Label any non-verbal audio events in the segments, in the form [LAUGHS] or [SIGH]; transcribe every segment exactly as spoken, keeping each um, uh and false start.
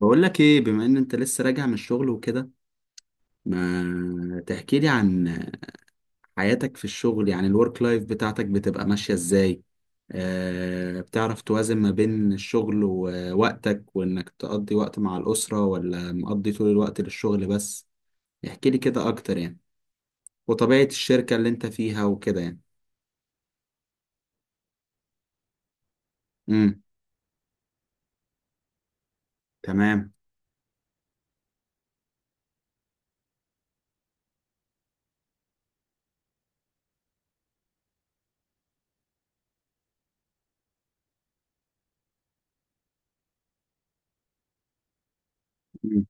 بقول لك ايه، بما ان انت لسه راجع من الشغل وكده، ما تحكي لي عن حياتك في الشغل؟ يعني الورك لايف بتاعتك بتبقى ماشية ازاي؟ أه بتعرف توازن ما بين الشغل ووقتك وانك تقضي وقت مع الأسرة ولا مقضي طول الوقت للشغل بس؟ احكي لي كده اكتر يعني، وطبيعة الشركة اللي انت فيها وكده يعني. امم. تمام. مم.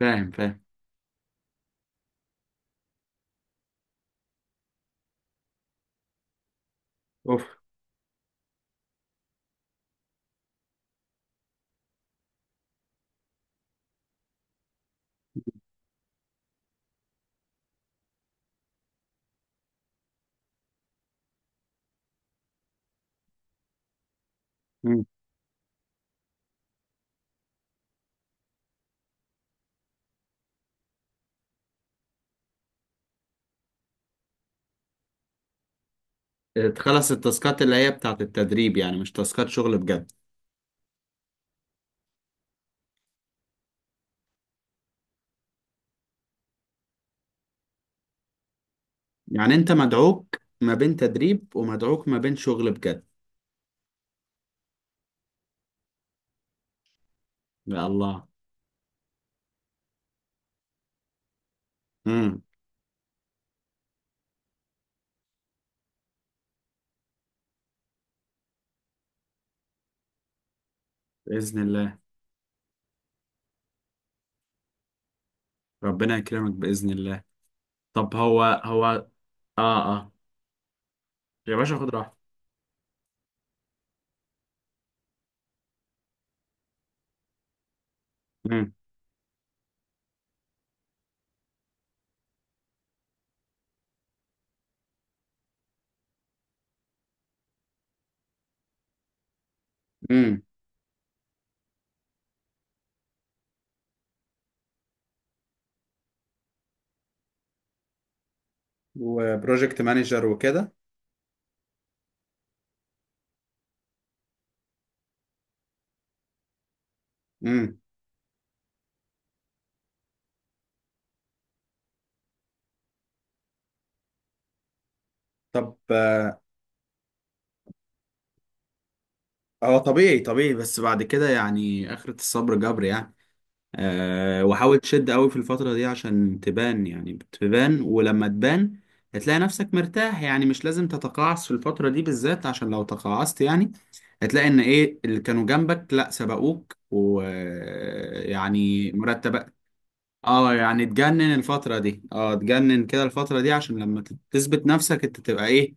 فاهم، فاهم. اوف. مم. تخلص التاسكات اللي هي بتاعت التدريب؟ يعني مش تاسكات شغل بجد. يعني انت مدعوك ما بين تدريب ومدعوك ما بين شغل بجد؟ يا الله. امم. باذن الله. ربنا يكرمك باذن الله. طب، هو هو. اه، اه. يا باشا، خد راحتك. امم، امم. وبروجكت مانجر وكده. امم. طب. آه. هو طبيعي، طبيعي، بس بعد كده يعني اخرة الصبر جبر يعني. آه، وحاول تشد قوي في الفترة دي عشان تبان، يعني بتبان، ولما تبان هتلاقي نفسك مرتاح، يعني مش لازم تتقاعس في الفترة دي بالذات، عشان لو تقاعست يعني هتلاقي ان ايه اللي كانوا جنبك لا سبقوك ويعني مرتب. اه، يعني تجنن الفترة دي، اه تجنن كده الفترة دي عشان لما ت- تثبت نفسك انت تبقى ايه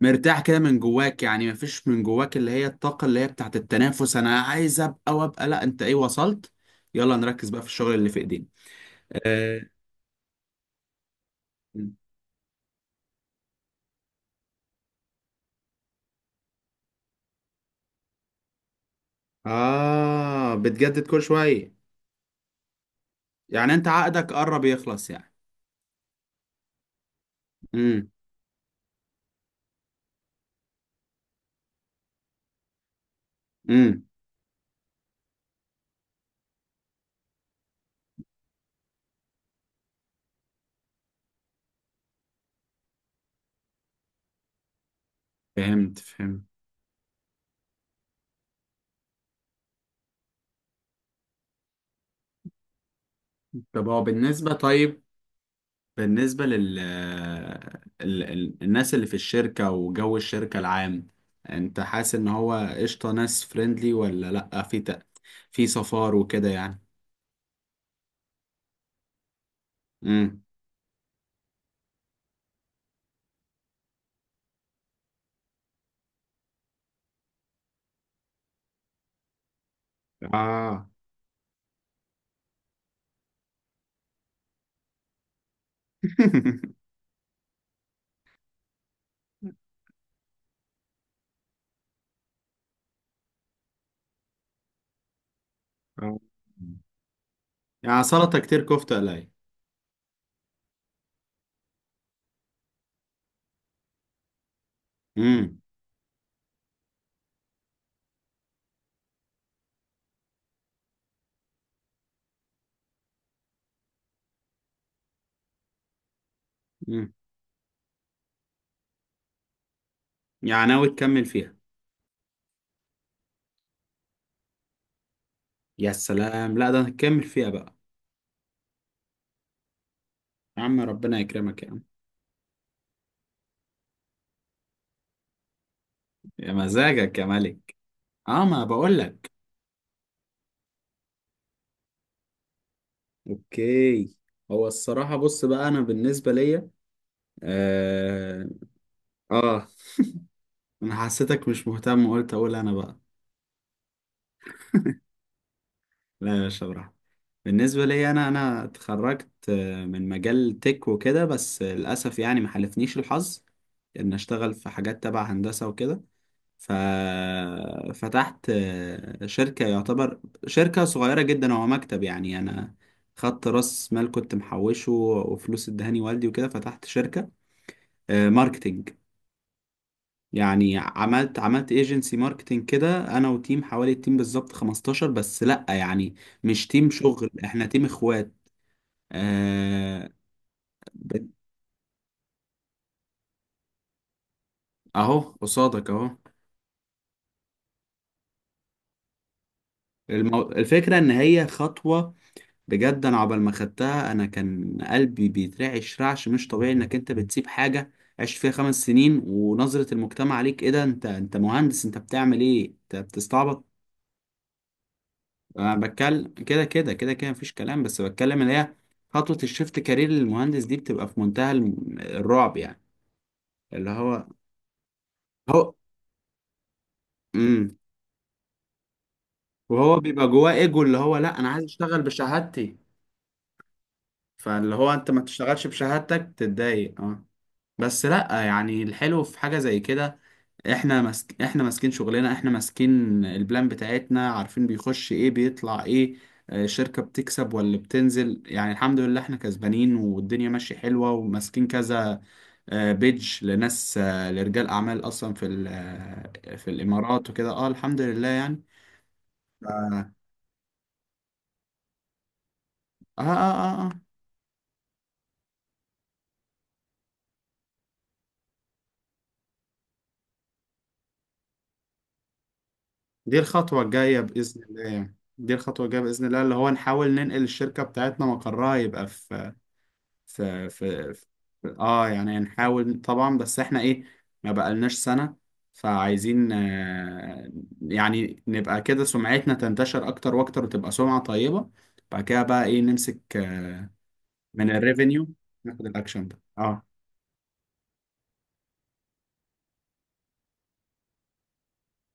مرتاح كده من جواك، يعني مفيش من جواك اللي هي الطاقة اللي هي بتاعت التنافس، انا عايز ابقى وابقى، لا انت ايه وصلت. يلا نركز بقى في الشغل اللي في ايدينا. اه. آه، بتجدد كل شوية. يعني انت عقدك قرب يخلص يعني؟ امم، امم. فهمت، فهمت. طب هو بالنسبة طيب بالنسبة لل ال... ال... الناس اللي في الشركة وجو الشركة العام. انت حاسس ان هو قشطة، ناس فريندلي ولا لأ، في ت... في صفار وكده يعني؟ امم. اه. [LAUGHS] آه. يعني سلطة كتير كفتة قليل. امم، امم. يعني ناوي تكمل فيها؟ يا سلام، لا ده هتكمل فيها بقى. يا عم، ربنا يكرمك يا عم. يا مزاجك يا ملك. اه، ما بقول لك. اوكي. هو الصراحة بص بقى، انا بالنسبة ليا، آه، اه، انا حسيتك مش مهتم وقلت اقول انا بقى. لا يا شبرا. بالنسبه لي، انا انا اتخرجت آه، من مجال تك وكده، بس آه، للاسف يعني ما حالفنيش الحظ ان اشتغل في حاجات تبع هندسه وكده. ففتحت شركه، يعتبر شركه صغيره جدا، هو مكتب يعني. انا خدت راس مال كنت محوشه وفلوس ادهاني والدي وكده، فتحت شركه آه، ماركتينج. يعني عملت عملت ايجنسي ماركتنج كده انا وتيم، حوالي التيم بالظبط خمستاشر، بس لا يعني مش تيم شغل، احنا تيم اخوات. آه. ب- اهو قصادك اهو. المو... الفكرة ان هي خطوة بجد. انا عقبال ما خدتها انا كان قلبي بيترعش رعش مش طبيعي، انك انت بتسيب حاجة عشت فيها خمس سنين، ونظرة المجتمع عليك ايه، ده انت انت مهندس انت بتعمل ايه، انت بتستعبط؟ انا بتكلم كده كده كده كده مفيش كلام، بس بتكلم اللي هي خطوة الشيفت كارير للمهندس دي بتبقى في منتهى الم- الرعب يعني. اللي هو، هو. امم. وهو بيبقى جواه ايجو اللي هو، لا انا عايز اشتغل بشهادتي. فاللي هو انت ما تشتغلش بشهادتك تتضايق، اه. بس لا يعني الحلو في حاجة زي كده. احنا ماسك احنا ماسكين شغلنا، احنا ماسكين البلان بتاعتنا، عارفين بيخش ايه بيطلع ايه. آه، شركة بتكسب ولا بتنزل، يعني الحمد لله احنا كسبانين والدنيا ماشية حلوة وماسكين كذا. آه، بيج لناس، آه، لرجال اعمال اصلا في ال- آه، في الامارات وكده، اه الحمد لله يعني. ف- اه، اه، اه، اه. دي الخطوة الجاية بإذن الله، يعني دي الخطوة الجاية بإذن الله، اللي هو نحاول ننقل الشركة بتاعتنا مقرها يبقى في، ف ف ف- اه يعني نحاول طبعا، بس احنا ايه، ما بقالناش سنة. فعايزين، آه، يعني نبقى كده سمعتنا تنتشر اكتر واكتر وتبقى سمعة طيبة. بعد كده بقى ايه نمسك آه، من الريفينيو ناخد الاكشن ده، اه.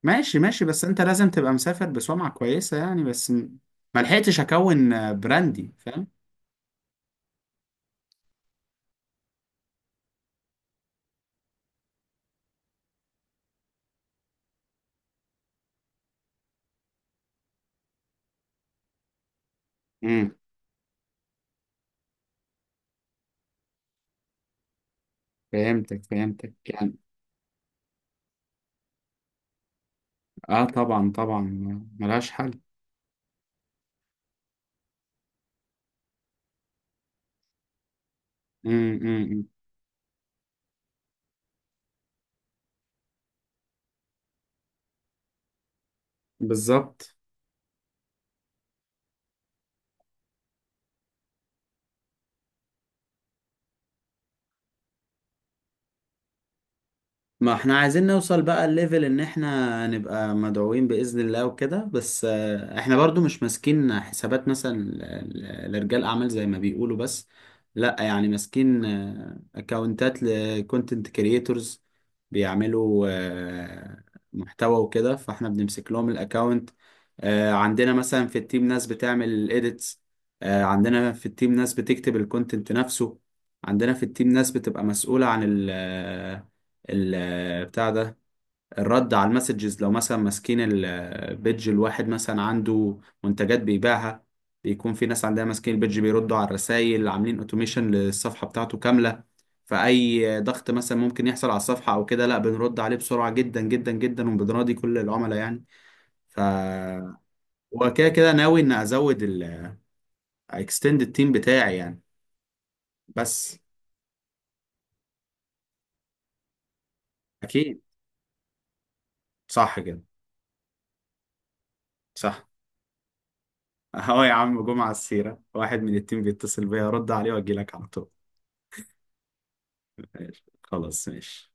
ماشي، ماشي، بس انت لازم تبقى مسافر بسمعة كويسة يعني، بس م- ما لحقتش اكون آه، براندي، فاهم. امم. فهمتك، فهمتك يعني. اه، طبعا طبعا، ملهاش حل. امم. بالظبط. ما احنا عايزين نوصل بقى الليفل ان احنا نبقى مدعوين بإذن الله وكده، بس آه، احنا برضو مش ماسكين حسابات مثلا ل- ل- لرجال اعمال زي ما بيقولوا، بس لا يعني ماسكين اكونتات لكونتنت كرييتورز بيعملوا آه، محتوى وكده، فاحنا بنمسك لهم الاكونت. عندنا مثلا في التيم ناس بتعمل الايديتس، عندنا في التيم ناس بتكتب الكونتنت نفسه، عندنا في التيم ناس بتبقى مسؤولة عن البتاع ده، الرد على المسجز لو مثلا ماسكين البيدج. الواحد مثلا عنده منتجات بيبيعها، بيكون في ناس عندها ماسكين البيدج بيردوا على الرسائل، عاملين اوتوميشن للصفحة بتاعته كاملة، فأي ضغط مثلا ممكن يحصل على الصفحة أو كده، لا بنرد عليه بسرعة جدا جدا جدا وبنراضي كل العملاء يعني. ف وكده كده ناوي إن أزود ال extend التيم بتاعي يعني، بس أكيد. صح كده، صح. اه يا عم، جمعة السيرة، واحد من التيم بيتصل بيا، رد عليه واجي لك على طول. ماشي. خلاص، ماشي.